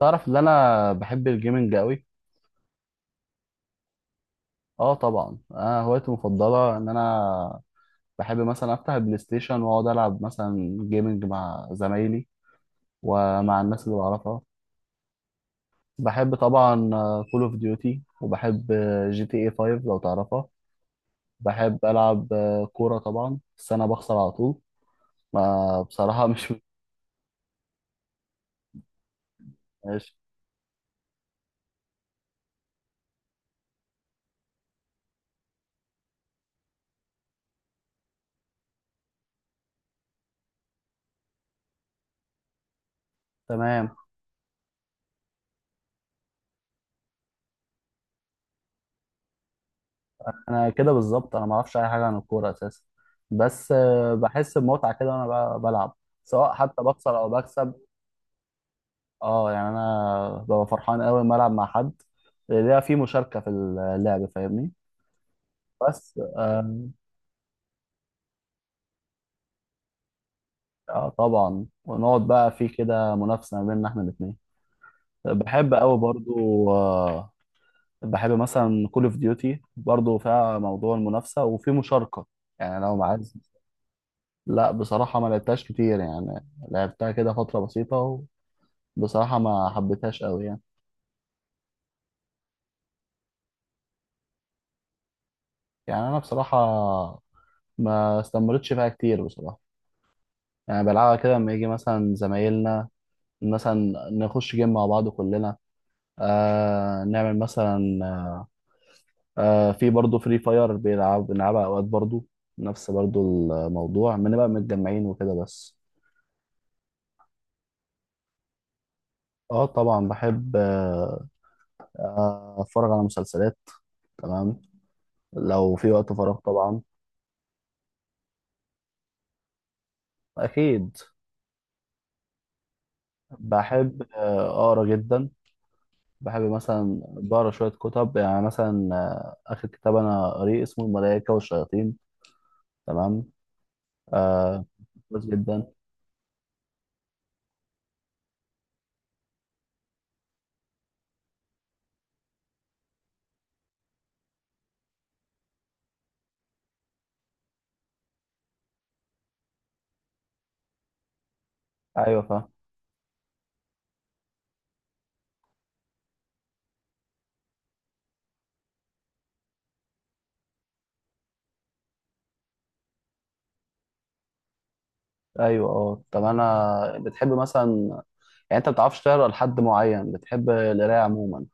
تعرف ان انا بحب الجيمنج قوي. اه طبعا، انا هوايتي المفضله ان انا بحب مثلا افتح البلاي ستيشن واقعد العب مثلا جيمنج مع زمايلي، ومع الناس اللي بعرفها. بحب طبعا كول اوف ديوتي، وبحب جي تي اي 5 لو تعرفها. بحب العب كوره طبعا، بس انا بخسر على طول. ما بصراحه مش تمام. انا كده بالظبط، انا ما اعرفش اي حاجه عن الكوره اساسا. بس بحس بمتعه كده وانا بلعب، سواء حتى بخسر او بكسب. اه يعني انا ببقى فرحان قوي لما العب مع حد، ليها في مشاركه في اللعب، فاهمني. بس طبعا، ونقعد بقى في كده منافسه ما بيننا احنا الاثنين. بحب قوي برضو. بحب مثلا كول اوف ديوتي برضو فيها موضوع المنافسه وفي مشاركه، يعني لو عايز. لا، بصراحه ما لعبتهاش كتير، يعني لعبتها كده فتره بسيطه، وبصراحه ما حبيتهاش قوي يعني. يعني انا بصراحه ما استمرتش فيها كتير بصراحه. يعني بلعبها كده لما يجي مثلا زمايلنا، مثلا نخش جيم مع بعض كلنا، نعمل مثلا في برضه فري فاير بيلعب بنلعبها اوقات برضه. نفس برضه الموضوع، بنبقى متجمعين وكده بس. اه طبعا بحب اتفرج على مسلسلات. تمام، لو في وقت فراغ طبعا. اكيد. بحب اقرا جدا. بحب مثلا بقرا شويه كتب، يعني مثلا اخر كتاب انا قريه اسمه الملائكه والشياطين. تمام. آه كويس جدا. ايوه، فاهم. ايوه. اه طب انا بتحب مثلا، يعني انت ما بتعرفش تقرا لحد معين، بتحب القرايه عموما؟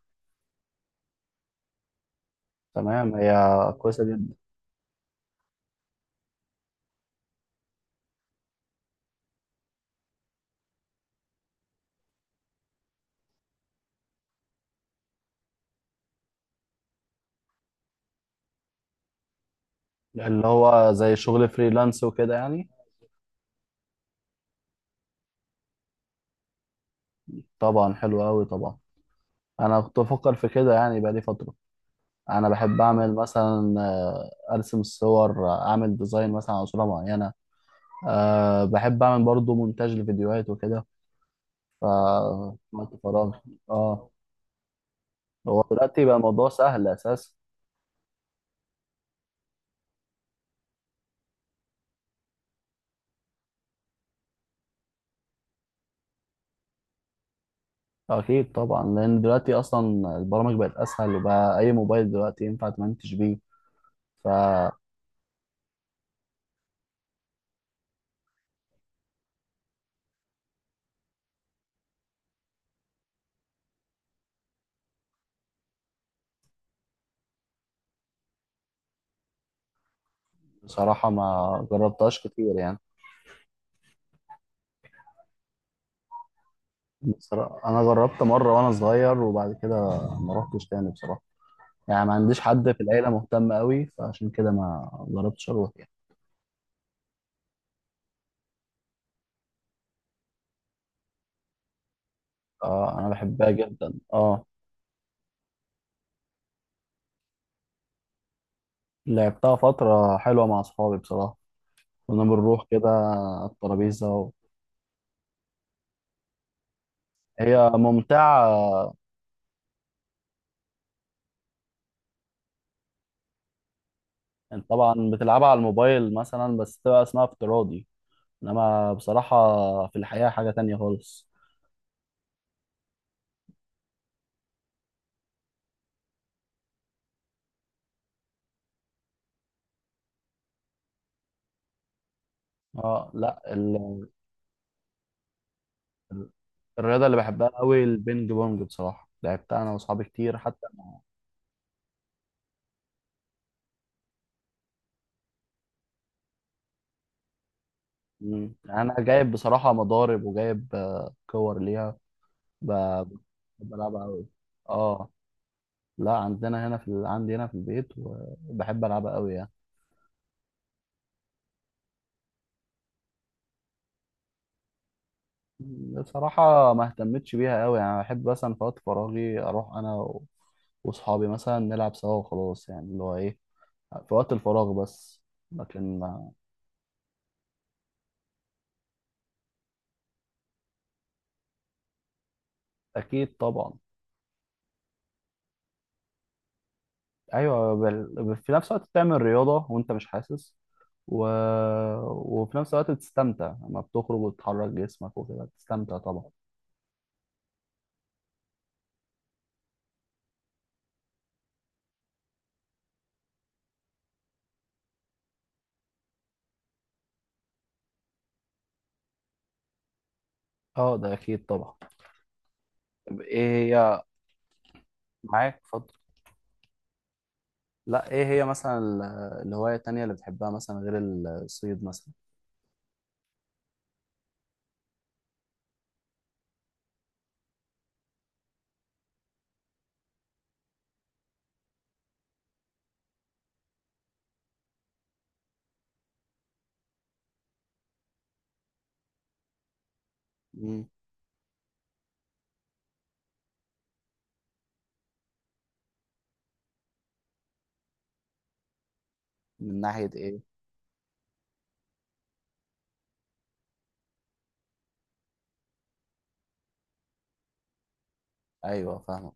تمام، هي كويسه جدا. اللي هو زي شغل فريلانس وكده يعني. طبعا، حلو قوي طبعا. انا كنت بفكر في كده يعني بقالي فتره. انا بحب اعمل مثلا ارسم الصور، اعمل ديزاين مثلا على صوره معينه. بحب اعمل برضو مونتاج لفيديوهات وكده، ف وقت فراغ. اه، هو دلوقتي بقى الموضوع سهل اساسا. اكيد طبعا، لان دلوقتي اصلا البرامج بقت اسهل، وبقى اي موبايل دلوقتي ينفع تمنتج بيه. فبصراحه ما جربتهاش كتير يعني. بصراحه انا جربت مره وانا صغير، وبعد كده ما رحتش تاني بصراحه. يعني ما عنديش حد في العيله مهتم قوي، فعشان كده ما جربتش اروح يعني. اه، انا بحبها جدا اه. لعبتها فتره حلوه مع اصحابي بصراحه، كنا بنروح كده على الترابيزه. و... هي ممتعه. انت طبعا بتلعبها على الموبايل مثلا، بس تبقى اسمها افتراضي. انما بصراحة في الحقيقة حاجة تانية خالص. اه لا، الرياضة اللي بحبها قوي البينج بونج، بصراحة لعبتها انا واصحابي كتير حتى. مم. انا جايب بصراحة مضارب وجايب كور ليها. ب- بحب العبها قوي. اه لا، عندنا هنا في عندي هنا في البيت، وبحب العبها قوي يعني. بصراحة ما اهتمتش بيها قوي يعني، بحب مثلا في وقت فراغي اروح انا و... واصحابي مثلا نلعب سوا وخلاص، يعني اللي هو ايه، في وقت الفراغ بس. لكن اكيد طبعا. ايوه، في نفس الوقت بتعمل رياضه وانت مش حاسس، و... وفي نفس الوقت بتستمتع لما بتخرج وتحرك جسمك وكده، بتستمتع طبعا. اه، ده اكيد طبعا. طب ايه هي؟ معاك اتفضل. لا، ايه هي مثلا الهوايه التانية اللي بتحبها مثلا غير الصيد مثلا؟ مم. من ناحيه ايه؟ ايوه، فاهمك.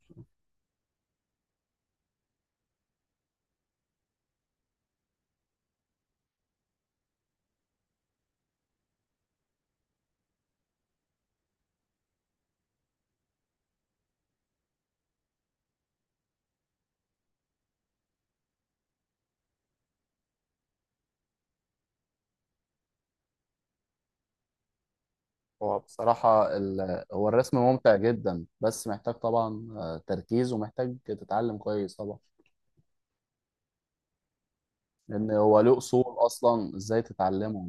هو بصراحة هو الرسم ممتع جدا، بس محتاج طبعا تركيز، ومحتاج تتعلم كويس طبعا. لان هو له اصول، اصلا ازاي تتعلمه.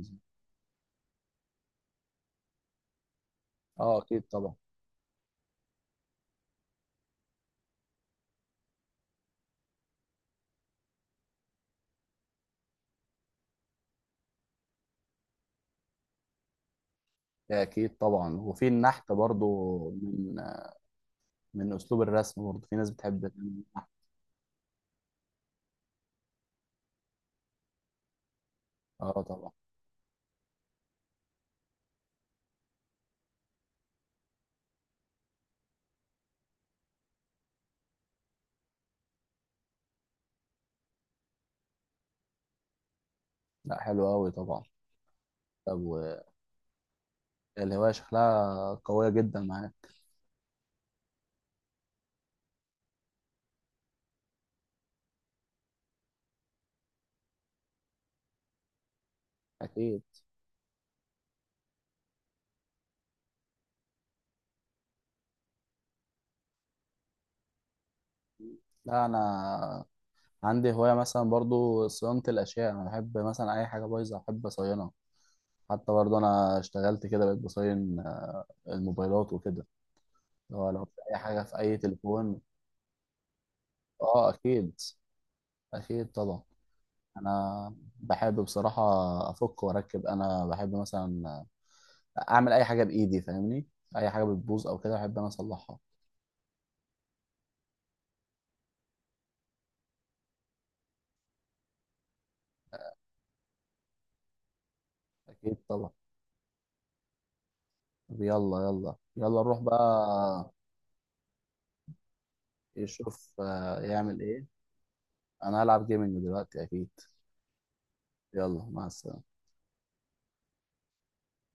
اه، اكيد طبعا. اكيد طبعا، وفي النحت برضو من اسلوب الرسم برضو في ناس بتحب النحت. اه طبعا. لا، حلو قوي طبعا. طب، الهوايه شكلها قويه جدا معاك. اكيد. لا انا عندي هوايه مثلا برضو صيانه الاشياء، انا بحب مثلا اي حاجه بايظه احب اصينها. حتى برضو انا اشتغلت كده بقيت بصين الموبايلات وكده، لو في اي حاجه في اي تليفون. اه، اكيد، اكيد طبعا. انا بحب بصراحه افك واركب، انا بحب مثلا اعمل اي حاجه بايدي، فاهمني. اي حاجه بتبوظ او كده بحب انا اصلحها. اكيد طبعا. طب، يلا يلا يلا، نروح بقى. يشوف يعمل ايه. انا هلعب جيمنج دلوقتي اكيد. يلا، مع السلامه.